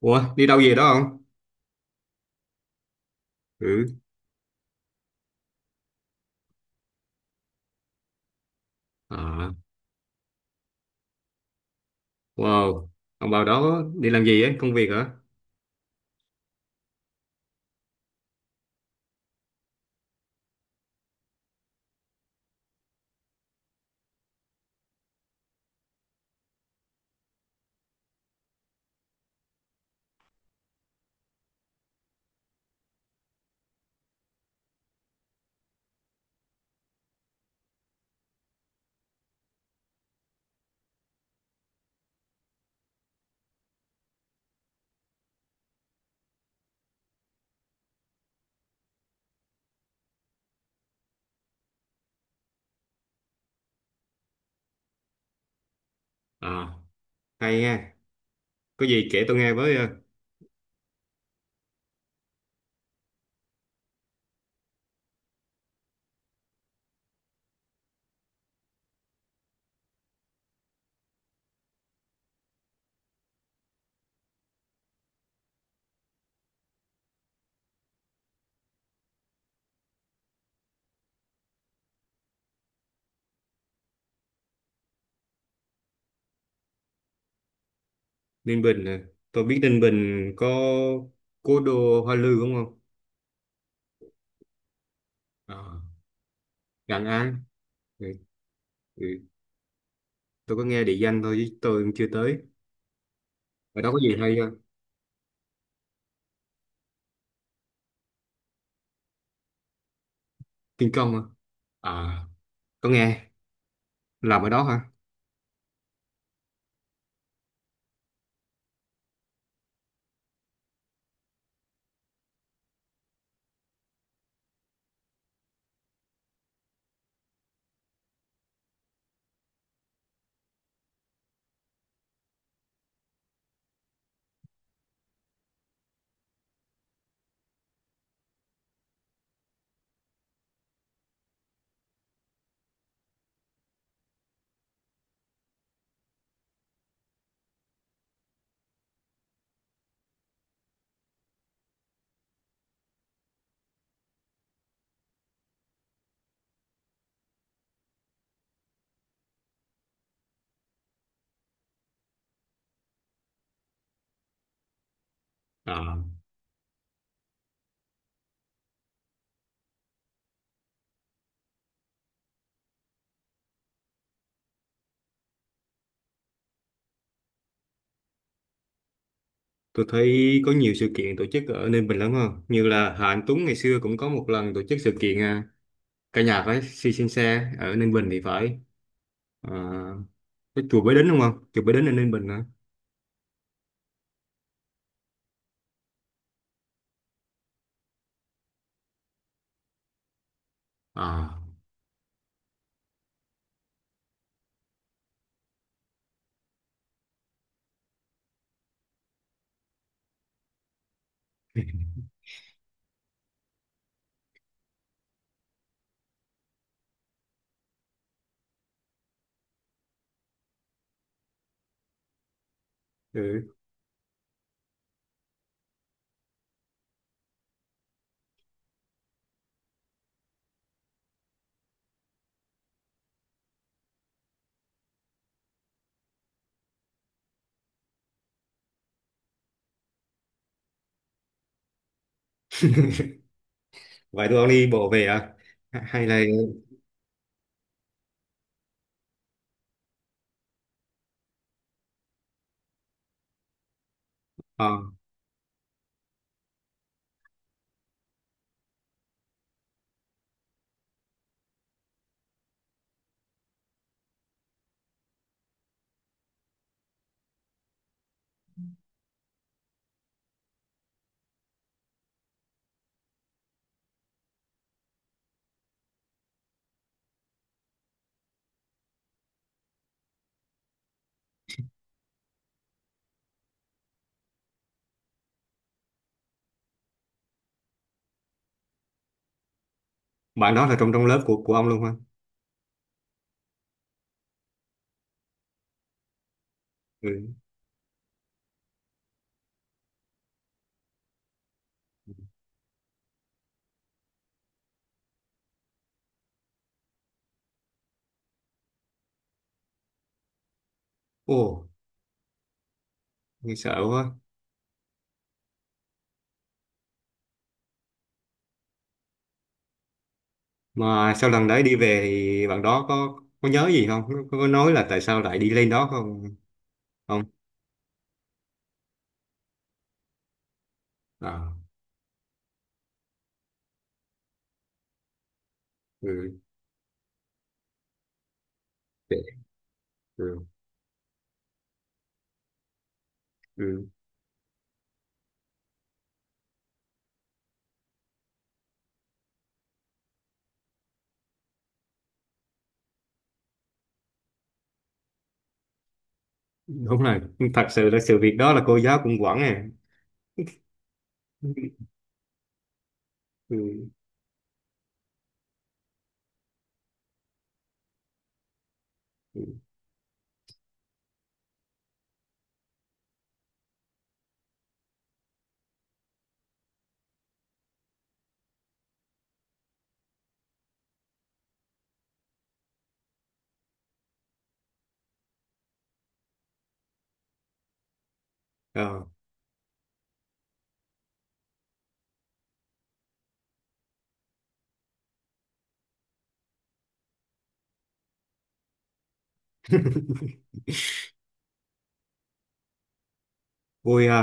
Ủa, đi đâu về đó không? Ừ. À, wow. Ông vào đó đi làm gì ấy? Công việc hả? À, hay nha. Có gì kể tôi nghe với. Ờ, Ninh Bình nè. Tôi biết Ninh Bình có cố đô Hoa Lư đúng không? À, Gần An. Ừ, ừ. Tôi có nghe địa danh thôi chứ tôi cũng chưa tới. Ở đó có gì hay không? Tiên công hả? À, có nghe. Làm ở đó hả? À, tôi thấy có nhiều sự kiện tổ chức ở Ninh Bình lắm không? Như là Hà Anh Tuấn ngày xưa cũng có một lần tổ chức sự kiện. Cả nhà phải si xem xe ở Ninh Bình thì phải. Ờ, cái chùa Bái Đính đúng không, chùa Bái Đính ở Ninh Bình hả? À, ừ. Vậy tụi ông đi bộ về à? Hay là. ờ, Bạn đó là trong trong lớp của ông luôn hả? Ừ. Ồ, nghe sợ quá. Mà sau lần đấy đi về thì bạn đó có nhớ gì không? Có nói là tại sao lại đi lên đó không? Không. À, ừ. Để- ừ. Ừ. Đúng là thật sự là sự việc đó là cô giáo cũng quản à. Ừ. Ừ. Ừ. Ờ. Vui ha.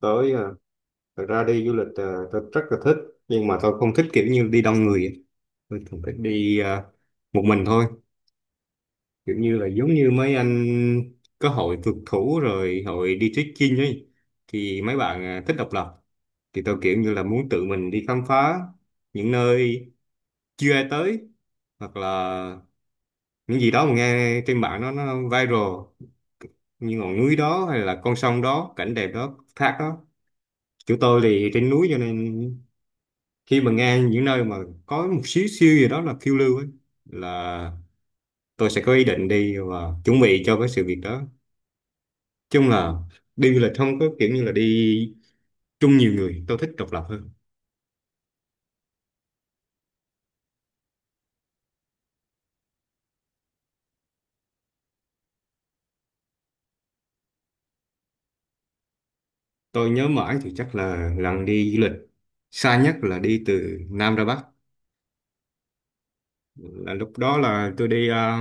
Tới à, thật ra đi du lịch à, tôi rất là thích. Nhưng mà tôi không thích kiểu như đi đông người ấy. Tôi thường thích đi, một mình thôi, kiểu như là giống như mấy anh có hội phượt thủ rồi hội đi trekking ấy. Thì mấy bạn, thích độc lập, thì tôi kiểu như là muốn tự mình đi khám phá những nơi chưa ai tới, hoặc là những gì đó mà nghe trên mạng nó viral, như ngọn núi đó hay là con sông đó, cảnh đẹp đó, thác đó. Chỗ tôi thì trên núi, cho nên khi mà nghe những nơi mà có một xíu xíu gì đó là phiêu lưu ấy, là tôi sẽ có ý định đi và chuẩn bị cho cái sự việc đó. Chung là đi du lịch không có kiểu như là đi chung nhiều người, tôi thích độc lập hơn. Tôi nhớ mãi thì chắc là lần đi du lịch xa nhất là đi từ Nam ra Bắc, là lúc đó là tôi đi,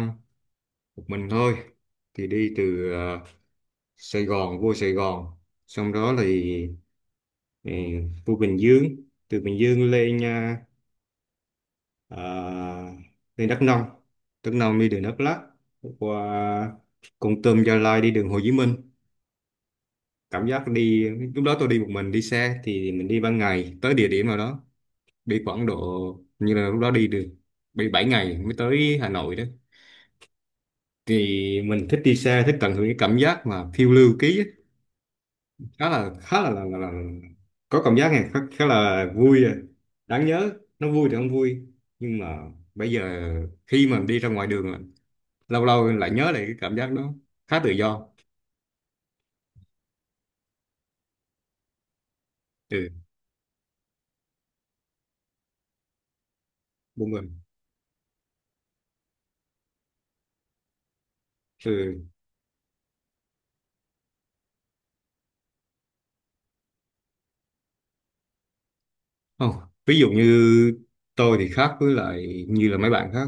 một mình thôi, thì đi từ Sài Gòn, vô Sài Gòn, xong đó thì ừ, vô Bình Dương, từ Bình Dương lên à, đi Đắk Nông, Đắk Nông đi đường Đắk Lắk, qua Kon Tum, Gia Lai, đi đường Hồ Chí Minh. Cảm giác đi, lúc đó tôi đi một mình, đi xe thì mình đi ban ngày tới địa điểm nào đó, đi khoảng độ, như là lúc đó đi được bị 7 ngày mới tới Hà Nội đó. Thì mình thích đi xe, thích tận hưởng cái cảm giác mà phiêu lưu ký á. Khá là có cảm giác này khá là vui à. Đáng nhớ, nó vui thì không vui, nhưng mà bây giờ khi mà đi ra ngoài đường, lâu lâu lại nhớ lại cái cảm giác đó, khá tự do. Ừ, buông mình. Ừ, không. Ví dụ như, tôi thì khác với lại như là mấy bạn khác,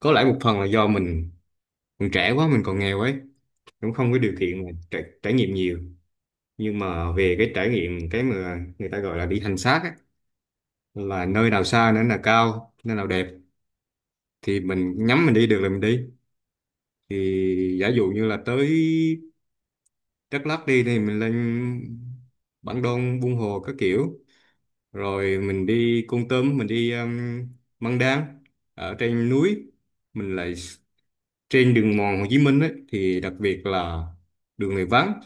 có lẽ một phần là do mình trẻ quá, mình còn nghèo ấy, cũng không có điều kiện mà trải nghiệm nhiều. Nhưng mà về cái trải nghiệm cái mà người ta gọi là đi hành xác ấy, là nơi nào xa, nơi nào cao, nơi nào đẹp thì mình nhắm mình đi được là mình đi. Thì giả dụ như là tới Đắk Lắk đi, thì mình lên Bản Đôn, Buôn Hồ các kiểu, rồi mình đi Kon Tum, mình đi Măng Đan ở trên núi, mình lại trên đường mòn Hồ Chí Minh ấy, thì đặc biệt là đường này vắng,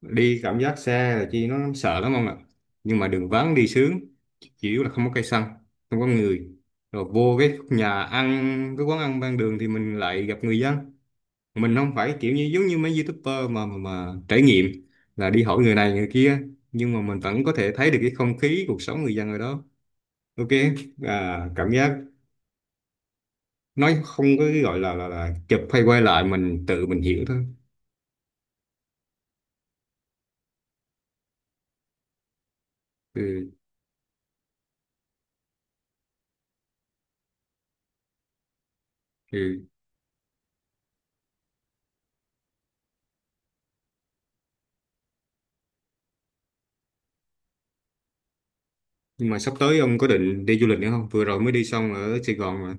đi cảm giác xe là chi nó sợ lắm không ạ, nhưng mà đường vắng đi sướng, chỉ yếu là không có cây xăng, không có người. Rồi vô cái nhà ăn, cái quán ăn ven đường thì mình lại gặp người dân, mình không phải kiểu như giống như mấy YouTuber mà trải nghiệm là đi hỏi người này người kia, nhưng mà mình vẫn có thể thấy được cái không khí cuộc sống người dân ở đó. Ok, à, cảm giác nói không có cái gọi là chụp hay quay lại, mình tự mình hiểu thôi. Ừ, ừ. Nhưng mà sắp tới ông có định đi du lịch nữa không, vừa rồi mới đi xong ở Sài Gòn mà.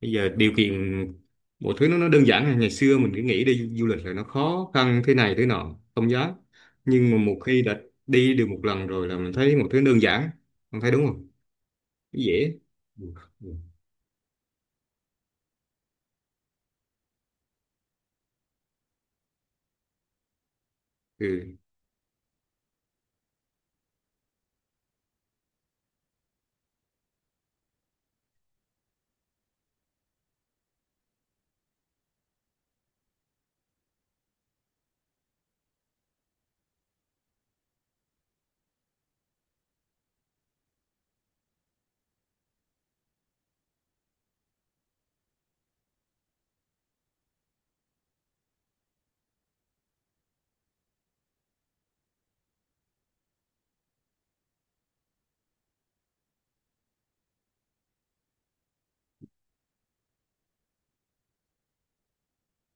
Bây giờ điều kiện mọi thứ nó đơn giản rồi. Ngày xưa mình cứ nghĩ đi du lịch là nó khó khăn thế này thế nọ không dám, nhưng mà một khi đã đi được một lần rồi là mình thấy mọi thứ đơn giản, ông thấy đúng không? Dễ. Ừ. Ừ.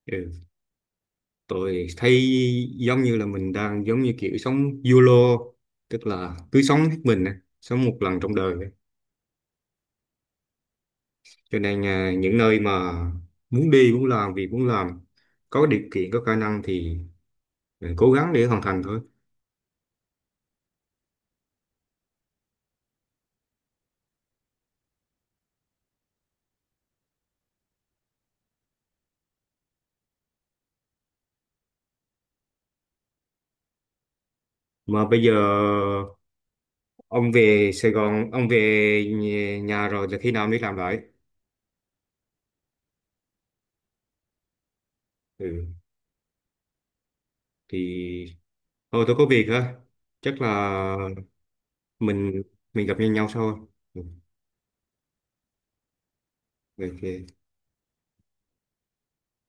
Ừ. Tôi thấy giống như là mình đang giống như kiểu sống YOLO, tức là cứ sống hết mình á, sống một lần trong đời á. Cho nên à, những nơi mà muốn đi, muốn làm việc, muốn làm, có điều kiện có khả năng thì mình cố gắng để hoàn thành thôi. Mà bây giờ ông về Sài Gòn, ông về nhà, rồi thì khi nào mới làm lại? Ừ. Thì thôi tôi có việc á, chắc là mình mình gặp nhau nhau sau. Ừ. Ok.